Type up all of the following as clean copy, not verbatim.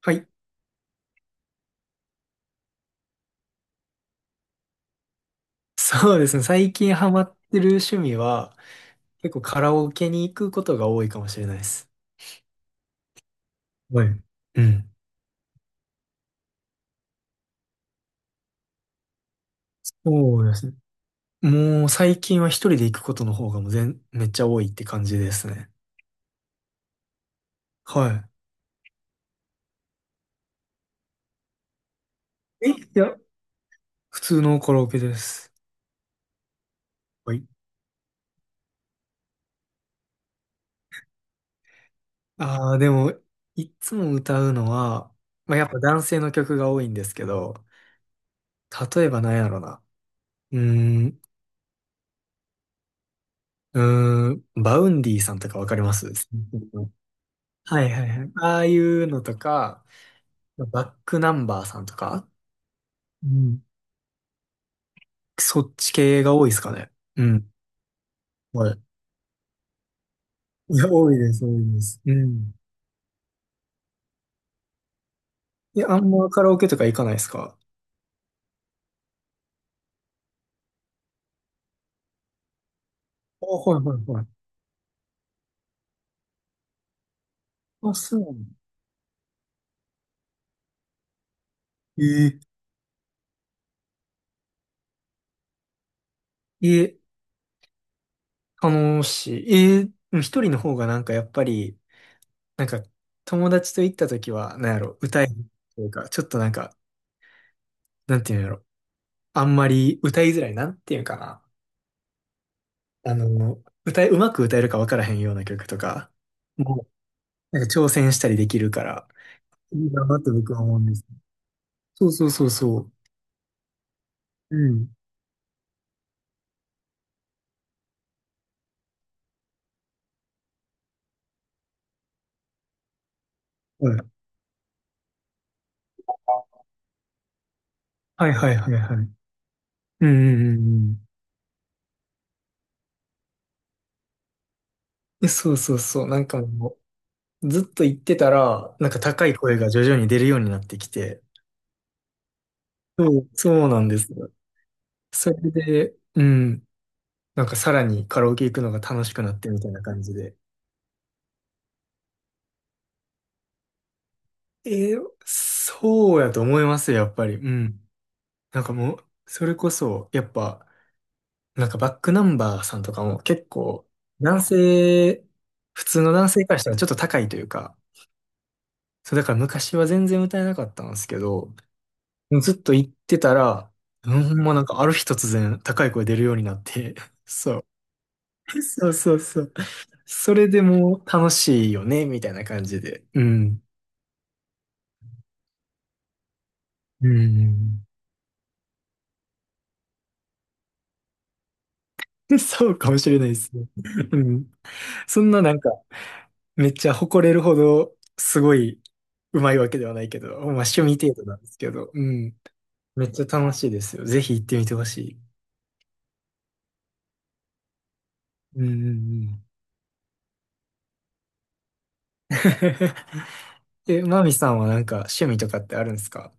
はい。そうですね。最近ハマってる趣味は、結構カラオケに行くことが多いかもしれないです。はい。うん。そうですね。もう最近は一人で行くことの方がもうめっちゃ多いって感じですね。はい。え、いや、普通のカラオケです。はい。ああ、でも、いつも歌うのは、まあ、やっぱ男性の曲が多いんですけど、例えば何やろな。うーん、バウンディさんとかわかります？ はいはいはい。ああいうのとか、バックナンバーさんとか、うん。そっち系が多いですかね。うん。はい。いや、多いです、多いです。うん。いや、あんまカラオケとか行かないですか？あ、はいはいはい。あ、そうなの。ええええ、楽しい。ええ、でも一人の方がなんかやっぱり、なんか友達と行った時は、なんやろ、歌えるというか、ちょっとなんか、なんていうんやろ、あんまり歌いづらい、なんていうんかな。うまく歌えるか分からへんような曲とか、もう、なんか挑戦したりできるから、いいなって僕は思うんです。そうそうそうそう。うん。はい、はいはいはいはい。うんうんうんうん。そうそうそう。なんかもう、ずっと言ってたら、なんか高い声が徐々に出るようになってきて、そうなんですよ。それで、うん。なんかさらにカラオケ行くのが楽しくなってみたいな感じで。えーそうやと思いますよ、やっぱり。うん。なんかもう、それこそ、やっぱ、なんかバックナンバーさんとかも結構、男性、普通の男性からしたらちょっと高いというか、そうだから昔は全然歌えなかったんですけど、ずっと行ってたら、うん、ほんまなんかある日突然高い声出るようになって、そう、そうそうそう。それでもう楽しいよね、みたいな感じで。うん。うん。そうかもしれないですね。うん。そんななんか、めっちゃ誇れるほど、すごい、うまいわけではないけど、まあ趣味程度なんですけど、うん。めっちゃ楽しいですよ。ぜひ行ってみてほしい。うんうんうん。マミさんはなんか趣味とかってあるんですか？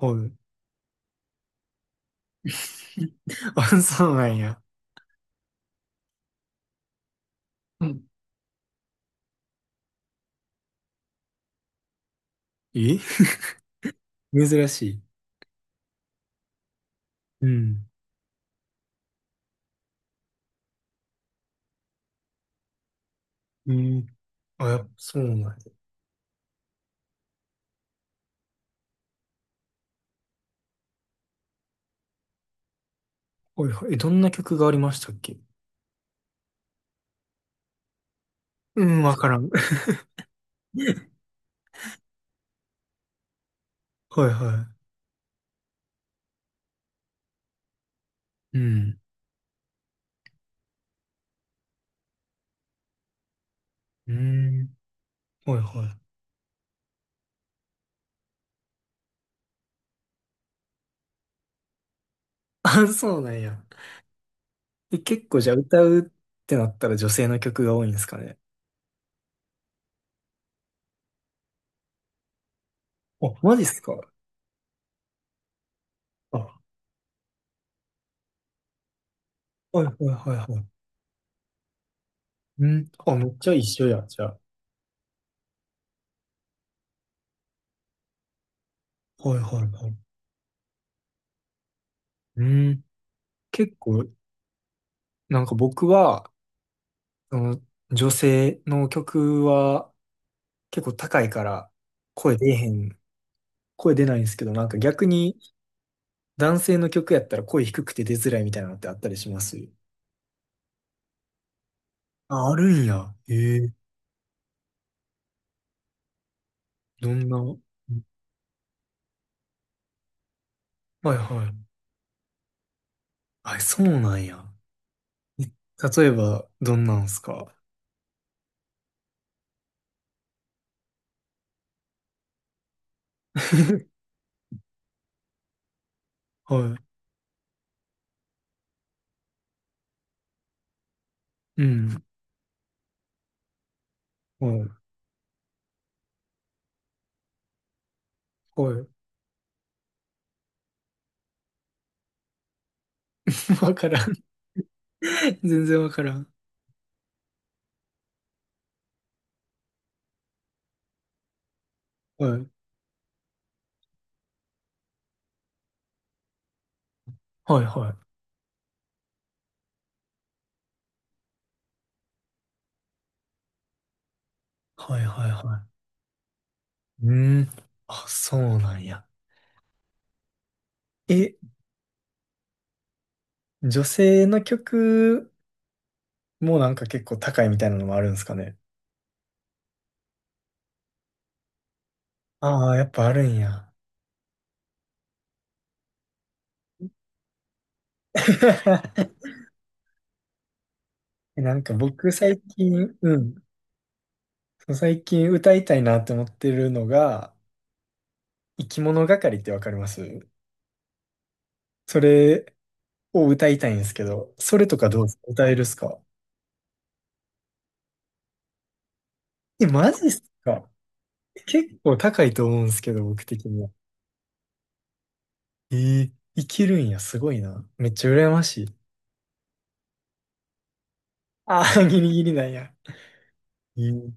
はい。あ、そうなんや。うん。え珍しい。うん。うん。あ、やっぱそうなんや。はいはい。どんな曲がありましたっけ？うん、わからん。はいはい。うん。うん。はいはい。あ、そうなんや。結構じゃあ歌うってなったら女性の曲が多いんですかね。あ、マジっすか？あ、はいはいはいはい。うん。あ、めっちゃ一緒や、じゃあ。はいはいはい。うん。結構、なんか僕は、その、女性の曲は結構高いから声出えへん、声出ないんですけど、なんか逆に男性の曲やったら声低くて出づらいみたいなのってあったりします？あ、あるんや。ええ、どんな。はいはい。あ、そうなんや。え例えば、どんなんすか？ はい。うん。はい。はい。わからん。全然わからん。はい。はい、はい。はい、はい、はい。うん。あ、そうなんや。え、女性の曲もなんか結構高いみたいなのもあるんですかね。ああー、やっぱあるんや。なんか僕最近、うん。最近歌いたいなって思ってるのが、生き物係ってわかります？それ、を歌いたいんですけど、それとかどうですか？歌えるっすか？え、マジっすか？結構高いと思うんですけど、僕的には。えー、いけるんや、すごいな。めっちゃ羨ましい。ああ、ギリギリなんや。えー、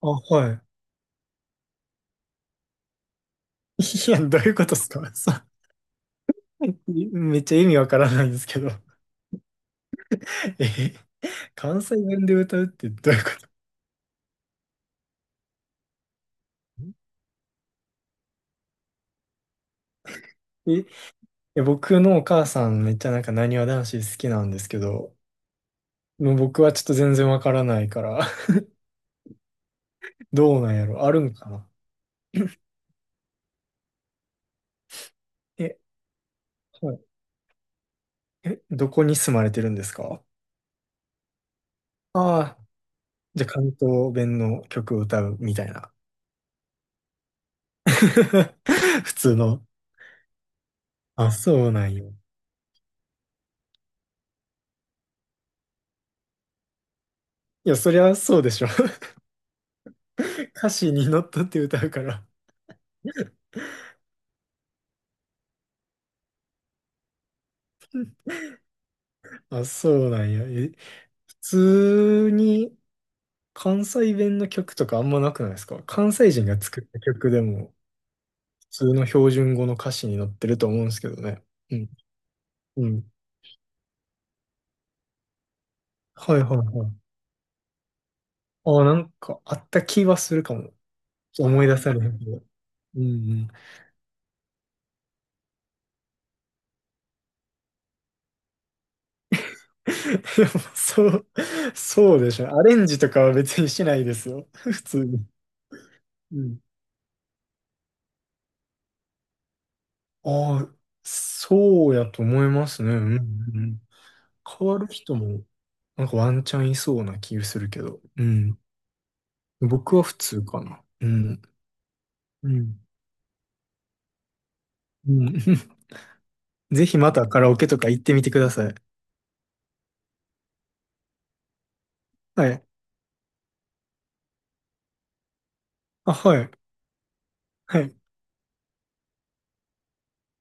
あ、はい。いや、どういうことっすか？そう。めっちゃ意味わからないんですけど。え関西弁で歌うってどういうこと？いや僕のお母さんめっちゃなんかなにわ男子好きなんですけど、もう僕はちょっと全然わからないから、どうなんやろあるんかな？えはい。どこに住まれてるんですか？ああー、じゃあ関東弁の曲を歌うみたいな。普通の。あ、そうなんよ。いや、そりゃそうでしょ。歌詞に乗っ取って歌うから。あ、そうなんや。普通に関西弁の曲とかあんまなくないですか？関西人が作った曲でも普通の標準語の歌詞に乗ってると思うんですけどね。うん。うん。はいはいはい。あ、なんかあった気はするかも。思い出されへんけど。うんうん。でもそう、そうでしょ。アレンジとかは別にしないですよ。普通に。うん。ああ、そうやと思いますね。うんうん。変わる人も、なんかワンチャンいそうな気がするけど。うん。僕は普通かな。うん。うん。うん。ぜひまたカラオケとか行ってみてください。はい。あ、はい。はい。